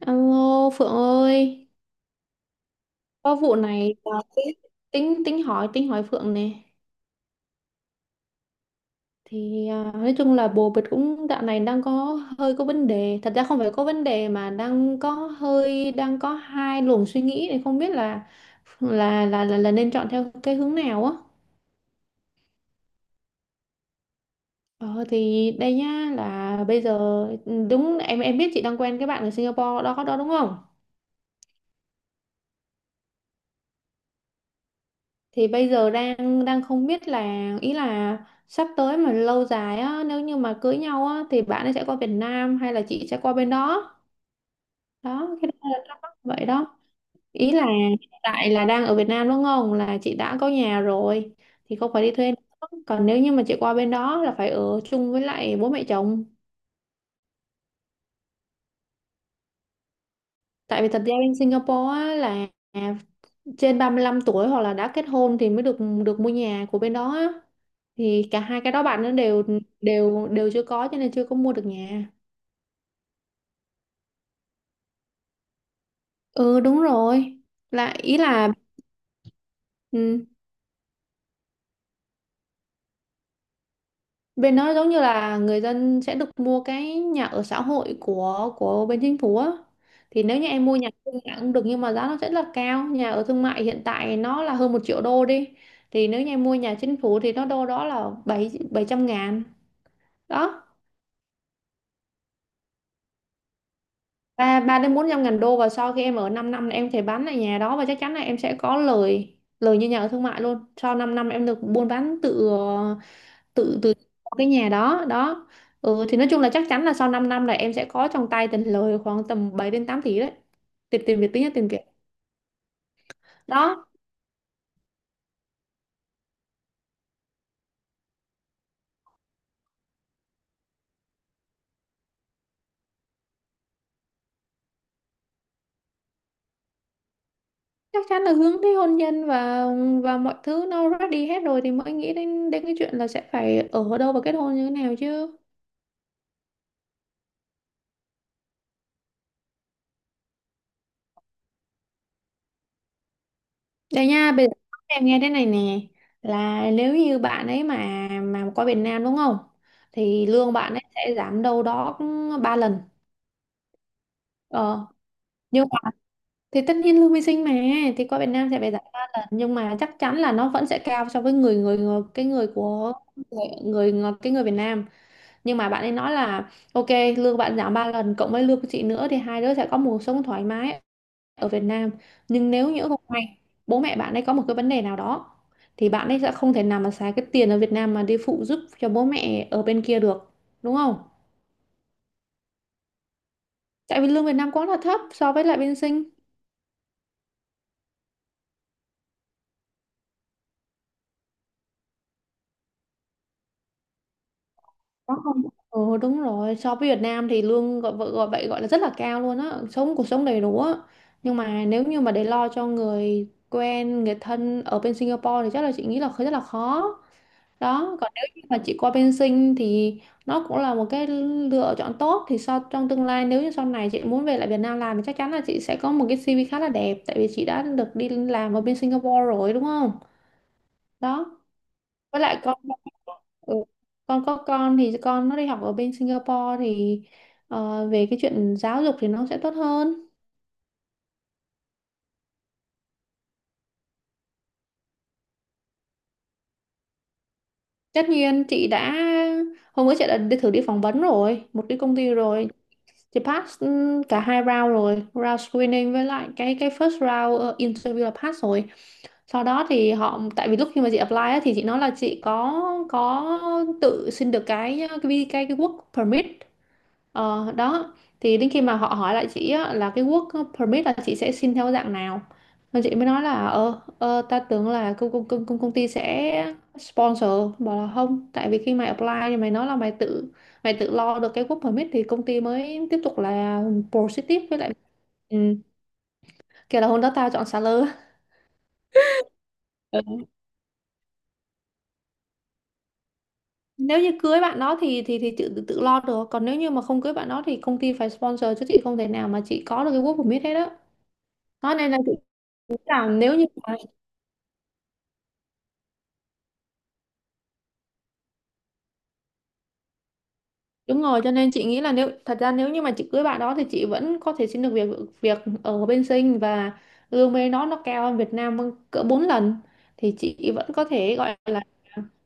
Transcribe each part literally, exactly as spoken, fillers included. Alo Phượng ơi, có vụ này à, tính tính hỏi tính hỏi Phượng nè. Thì à, nói chung là bồ bịch cũng dạo này đang có hơi có vấn đề. Thật ra không phải có vấn đề mà đang có hơi đang có hai luồng suy nghĩ này không biết là là là là, là nên chọn theo cái hướng nào á. Ờ thì đây nhá là bây giờ, ừ, đúng, em em biết chị đang quen cái bạn ở Singapore đó đó đúng không? Thì bây giờ đang đang không biết là, ý là sắp tới mà lâu dài á nếu như mà cưới nhau á thì bạn ấy sẽ qua Việt Nam hay là chị sẽ qua bên đó. Đó cái đó là thắc mắc vậy đó. Ý là hiện tại là đang ở Việt Nam đúng không, là chị đã có nhà rồi thì không phải đi thuê nữa. Còn nếu như mà chị qua bên đó là phải ở chung với lại bố mẹ chồng. Tại vì thật ra bên Singapore á, là trên ba lăm tuổi hoặc là đã kết hôn thì mới được được mua nhà của bên đó á. Thì cả hai cái đó bạn nó đều đều đều chưa có cho nên chưa có mua được nhà. Ừ đúng rồi. Là ý là, ừ, bên đó giống như là người dân sẽ được mua cái nhà ở xã hội của của bên chính phủ á. Thì nếu như em mua nhà thương mại cũng được nhưng mà giá nó sẽ là cao. Nhà ở thương mại hiện tại nó là hơn một triệu đô đi. Thì nếu như em mua nhà chính phủ thì nó đâu đó là bảy bảy trăm ngàn, đó ba ba đến bốn trăm ngàn đô, và sau khi em ở 5 năm là em thể bán lại nhà đó và chắc chắn là em sẽ có lời lời như nhà ở thương mại luôn, sau 5 năm em được buôn bán tự ờ, tự từ cái nhà đó đó. Ừ, thì nói chung là chắc chắn là sau 5 năm là em sẽ có trong tay tiền lời khoảng tầm bảy đến tám tỷ đấy, tiền tiền Việt, tính là tiền Việt đó. Chắc chắn là hướng tới hôn nhân và và mọi thứ nó ready hết rồi thì mới nghĩ đến đến cái chuyện là sẽ phải ở đâu và kết hôn như thế nào chứ. Đây nha, bây giờ em nghe thế này nè, là nếu như bạn ấy mà mà qua Việt Nam đúng không, thì lương bạn ấy sẽ giảm đâu đó ba lần. ờ nhưng mà, thì tất nhiên lương vi sinh mà, thì qua Việt Nam sẽ phải giảm ba lần nhưng mà chắc chắn là nó vẫn sẽ cao so với người người, người cái người của người, người cái người Việt Nam. Nhưng mà bạn ấy nói là ok, lương bạn giảm ba lần cộng với lương của chị nữa thì hai đứa sẽ có một cuộc sống thoải mái ở Việt Nam. Nhưng nếu nhỡ không may bố mẹ bạn ấy có một cái vấn đề nào đó thì bạn ấy sẽ không thể nào mà xài cái tiền ở Việt Nam mà đi phụ giúp cho bố mẹ ở bên kia được, đúng không, tại vì lương Việt Nam quá là thấp so với lại bên Sinh. Có không? Ừ đúng rồi, so với Việt Nam thì lương, gọi vợ gọi vậy, gọi là rất là cao luôn á, sống cuộc sống đầy đủ á, nhưng mà nếu như mà để lo cho người quen người thân ở bên Singapore thì chắc là chị nghĩ là rất là khó. Đó còn nếu như mà chị qua bên sinh thì nó cũng là một cái lựa chọn tốt, thì sau, trong tương lai nếu như sau này chị muốn về lại Việt Nam làm thì chắc chắn là chị sẽ có một cái sê vi khá là đẹp, tại vì chị đã được đi làm ở bên Singapore rồi đúng không. Đó với lại con, ừ, con có con thì con nó đi học ở bên Singapore thì, ờ, về cái chuyện giáo dục thì nó sẽ tốt hơn. Tất nhiên chị đã, hôm bữa chị đã đi thử đi phỏng vấn rồi một cái công ty rồi. Chị pass ừm, cả hai round rồi, round screening với lại cái cái first round ờ, interview là pass rồi. Sau đó thì họ, tại vì lúc khi mà chị apply á, thì chị nói là chị có có tự xin được cái cái cái cái work permit. Ờ, đó thì đến khi mà họ hỏi lại chị á, là cái work permit là chị sẽ xin theo dạng nào. Nên chị mới nói là, ờ, ờ ta tưởng là công, công, công, công công ty sẽ sponsor, bảo là không, tại vì khi mày apply thì mày nói là mày tự mày tự lo được cái work permit thì công ty mới tiếp tục là proceed tiếp với lại. ừ, Kể là hôm đó tao chọn salary. Ừ. Nếu như cưới bạn đó thì thì thì tự tự lo được, còn nếu như mà không cưới bạn đó thì công ty phải sponsor chứ chị không thể nào mà chị có được cái work permit hết á. Đó nên là chị nghĩ là nếu như mà. Đúng rồi, cho nên chị nghĩ là, nếu thật ra nếu như mà chị cưới bạn đó thì chị vẫn có thể xin được việc, việc ở bên Sinh, và lương bên đó nó cao hơn Việt Nam vâng, cỡ bốn lần thì chị vẫn có thể gọi là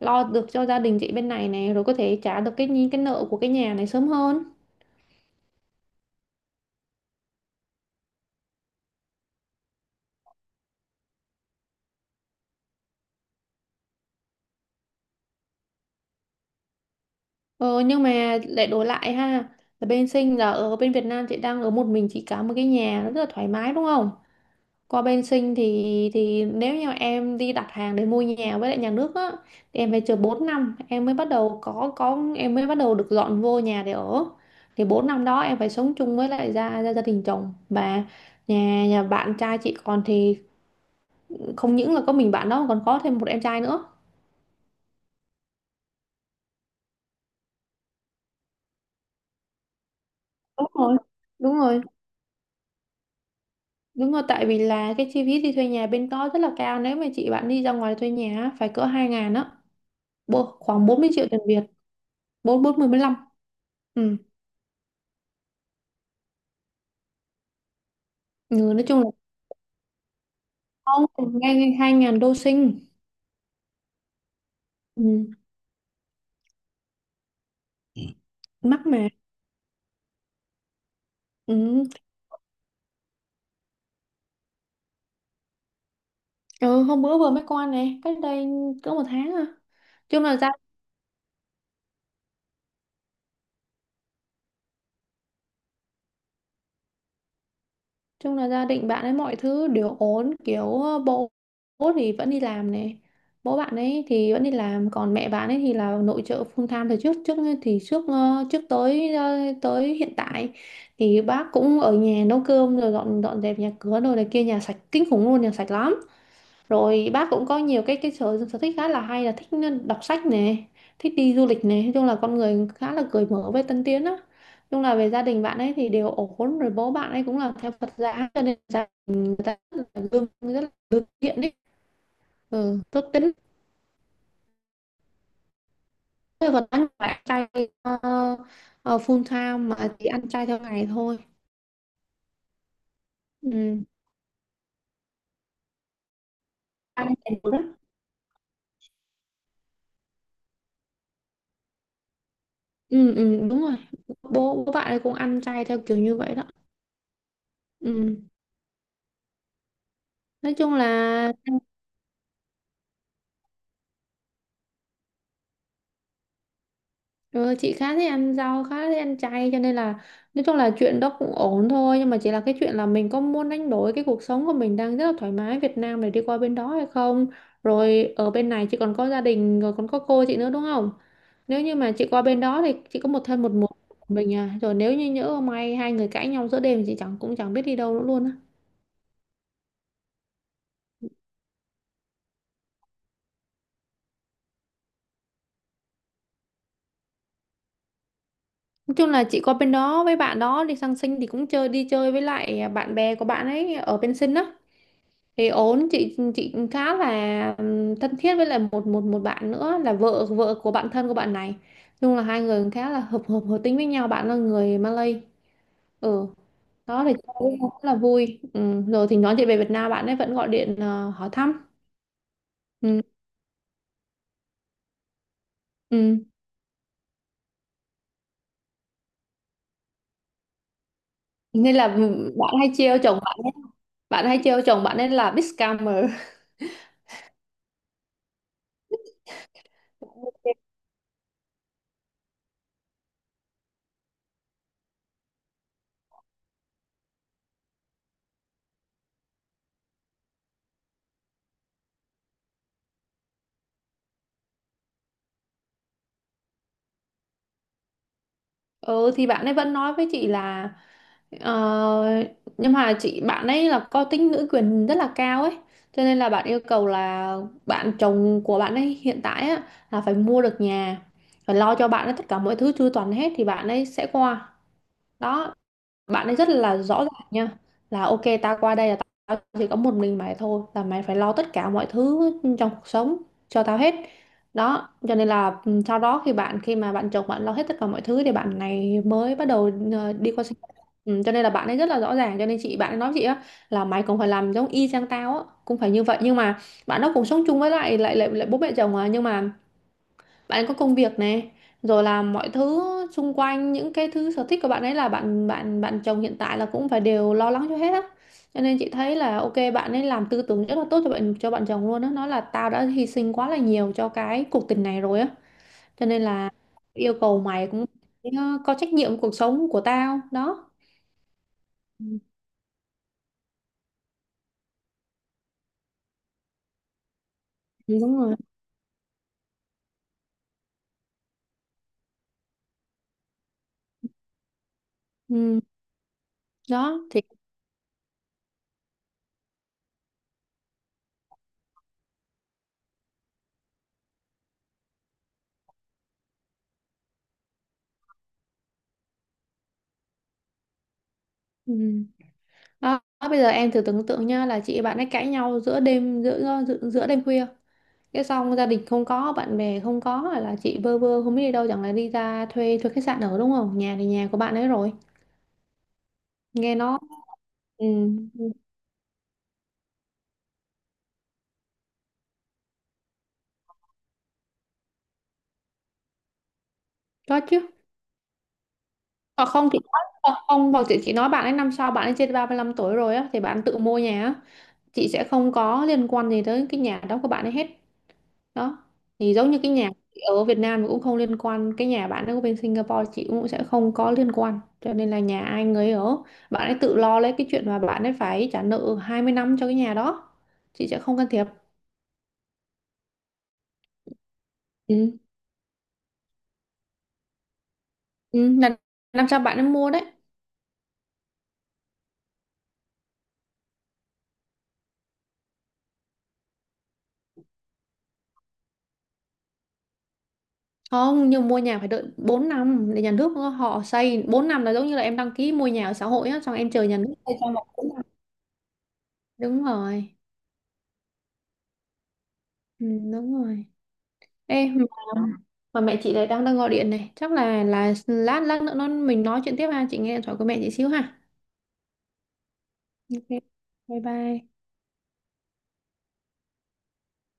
lo được cho gia đình chị bên này, này rồi có thể trả được cái nhi- cái nợ của cái nhà này sớm hơn. Ờ, nhưng mà lại đổi lại ha, là bên Sinh là, ở bên Việt Nam chị đang ở một mình chị cả một cái nhà rất là thoải mái đúng không? Qua bên Sinh thì, thì nếu như em đi đặt hàng để mua nhà với lại nhà nước á thì em phải chờ bốn năm, em mới bắt đầu có có em mới bắt đầu được dọn vô nhà để ở. Thì bốn năm đó em phải sống chung với lại gia gia, gia đình chồng, và nhà nhà bạn trai chị còn thì không những là có mình bạn đó mà còn có thêm một em trai nữa. Đúng rồi. Đúng rồi, đúng rồi, tại vì là cái chi phí đi thuê nhà bên đó rất là cao, nếu mà chị bạn đi ra ngoài thuê nhà á, phải cỡ hai ngàn á, Bộ- khoảng bốn mươi triệu tiền Việt, bốn bốn mươi bốn mươi lăm. Ừ. Ừ, nói chung là không, ngay ngay hai ngàn đô sinh. Ừ. Mắc mà. Ừ. Ừ hôm bữa vừa mới qua này, cách đây cỡ một tháng à. chung là gia Chung là gia đình bạn ấy mọi thứ đều ổn, kiểu ờ, bố, bố thì vẫn đi làm này bố bạn ấy thì vẫn đi làm, còn mẹ bạn ấy thì là nội trợ full time từ trước trước thì trước ờ, trước tới ờ, tới hiện tại, thì bác cũng ở nhà nấu cơm, rồi dọn dọn dẹp nhà cửa rồi này kia, nhà sạch kinh khủng luôn, nhà sạch lắm. Rồi bác cũng có nhiều cái cái sở sở thích khá là hay, là thích đọc sách nè, thích đi du lịch nè, nói chung là con người khá là cởi mở với tân tiến á. Nói chung là về gia đình bạn ấy thì đều ổn rồi, bố bạn ấy cũng là theo Phật giáo cho nên gia đình người ta rất là gương rất là gương thiện đấy. Ừ, tốt tính. Thế còn ăn phải ăn chay ờ, ờ, full time mà chỉ ăn chay theo ngày thôi. Ừ. Ăn đầy đủ đó. Ừ, ừ, đúng rồi, bố bố bạn ấy cũng ăn chay theo kiểu như vậy đó. Ừ. Nói chung là, ừ, chị khá thích ăn rau, khá thích ăn chay, cho nên là nói chung là chuyện đó cũng ổn thôi, nhưng mà chỉ là cái chuyện là mình có muốn đánh đổi cái cuộc sống của mình đang rất là thoải mái Việt Nam để đi qua bên đó hay không. Rồi ở bên này chị còn có gia đình, rồi còn có cô chị nữa, đúng không? Nếu như mà chị qua bên đó thì chị có một thân một mình mình à Rồi nếu như nhỡ may hai người cãi nhau giữa đêm thì chị chẳng cũng chẳng biết đi đâu nữa luôn á. Nói chung là chị qua bên đó với bạn đó đi sang sinh thì cũng chơi, đi chơi với lại bạn bè của bạn ấy ở bên sinh á thì ổn. Chị chị khá là ừm, thân thiết với lại một một một bạn nữa là vợ vợ của bạn thân của bạn này. Nói chung là hai người cũng khá là hợp hợp hợp tính với nhau, bạn là người Malay. Ừ, đó thì cũng cũng rất là vui. Ừ. Rồi thì nói chuyện về Việt Nam bạn ấy vẫn gọi điện, ờ, hỏi thăm. Ừ. Ừ. Nên là ừ, bạn hay trêu chồng bạn ấy, bạn hay trêu chồng bạn ấy là big scammer. Ừ thì bạn ấy vẫn nói với chị là, ờ, nhưng mà chị bạn ấy là có tính nữ quyền rất là cao ấy, cho nên là bạn yêu cầu là bạn chồng của bạn ấy hiện tại á, là phải mua được nhà, phải lo cho bạn ấy tất cả mọi thứ chu toàn hết thì bạn ấy sẽ qua đó. Bạn ấy rất là rõ ràng nha, là ok, tao qua đây là tao chỉ có một mình mày thôi, là mày phải lo tất cả mọi thứ trong cuộc sống cho tao hết. Đó cho nên là ừ, sau đó khi bạn, khi mà bạn chồng bạn lo hết tất cả mọi thứ thì bạn này mới bắt đầu, ờ, đi qua sinh ừ, cho nên là bạn ấy rất là rõ ràng, cho nên chị bạn ấy nói với chị á là mày cũng phải làm giống y chang tao á, cũng phải như vậy. Nhưng mà bạn đó cũng sống chung với lại lại lại, lại bố mẹ chồng, à, nhưng mà bạn có công việc này, rồi là mọi thứ xung quanh, những cái thứ sở thích của bạn ấy là bạn bạn bạn chồng hiện tại là cũng phải đều lo lắng cho hết á. Cho nên chị thấy là ok, bạn ấy làm tư tưởng rất là tốt cho bạn, cho bạn chồng luôn á, nói là tao đã hy sinh quá là nhiều cho cái cuộc tình này rồi á, cho nên là yêu cầu mày cũng phải, ờ, có trách nhiệm cuộc sống của tao đó. Ừ, đúng rồi. Ừ. Đó thì. Ừ. Đó. Bây giờ em thử tưởng tượng nha, là chị bạn ấy cãi nhau giữa đêm, giữa giữa, giữa đêm khuya, cái xong gia đình không có, bạn bè không có, hoặc là chị bơ vơ không biết đi đâu, chẳng lẽ đi ra thuê, thuê khách sạn ở, đúng không? Nhà thì nhà của bạn ấy rồi, nghe nó. Ừ, ừ, có chứ. Hoặc không chị nói, hoặc không, hoặc chị chỉ nói bạn ấy năm sau bạn ấy trên ba mươi lăm tuổi rồi á thì bạn tự mua nhà á, chị sẽ không có liên quan gì tới cái nhà đó của bạn ấy hết đó. Thì giống như cái nhà ở Việt Nam cũng không liên quan, cái nhà bạn ở bên Singapore chị cũng sẽ không có liên quan, cho nên là nhà ai người ấy ở. Bạn ấy tự lo lấy cái chuyện mà bạn ấy phải trả nợ hai mươi năm cho cái nhà đó, chị sẽ không can thiệp. Ừ. Ừ. Là năm sau bạn ấy mua đấy. Không, nhưng mua nhà phải đợi bốn năm để nhà nước họ xây, bốn năm là giống như là em đăng ký mua nhà ở xã hội á, xong em chờ nhà nước xây cho một bốn năm. Đúng rồi. Ừ, đúng rồi. Ê, mà, mà mẹ chị lại đang đang gọi điện này, chắc là là lát lát nữa nó mình nói chuyện tiếp ha, chị nghe điện thoại của mẹ chị xíu ha. Ok, bye bye.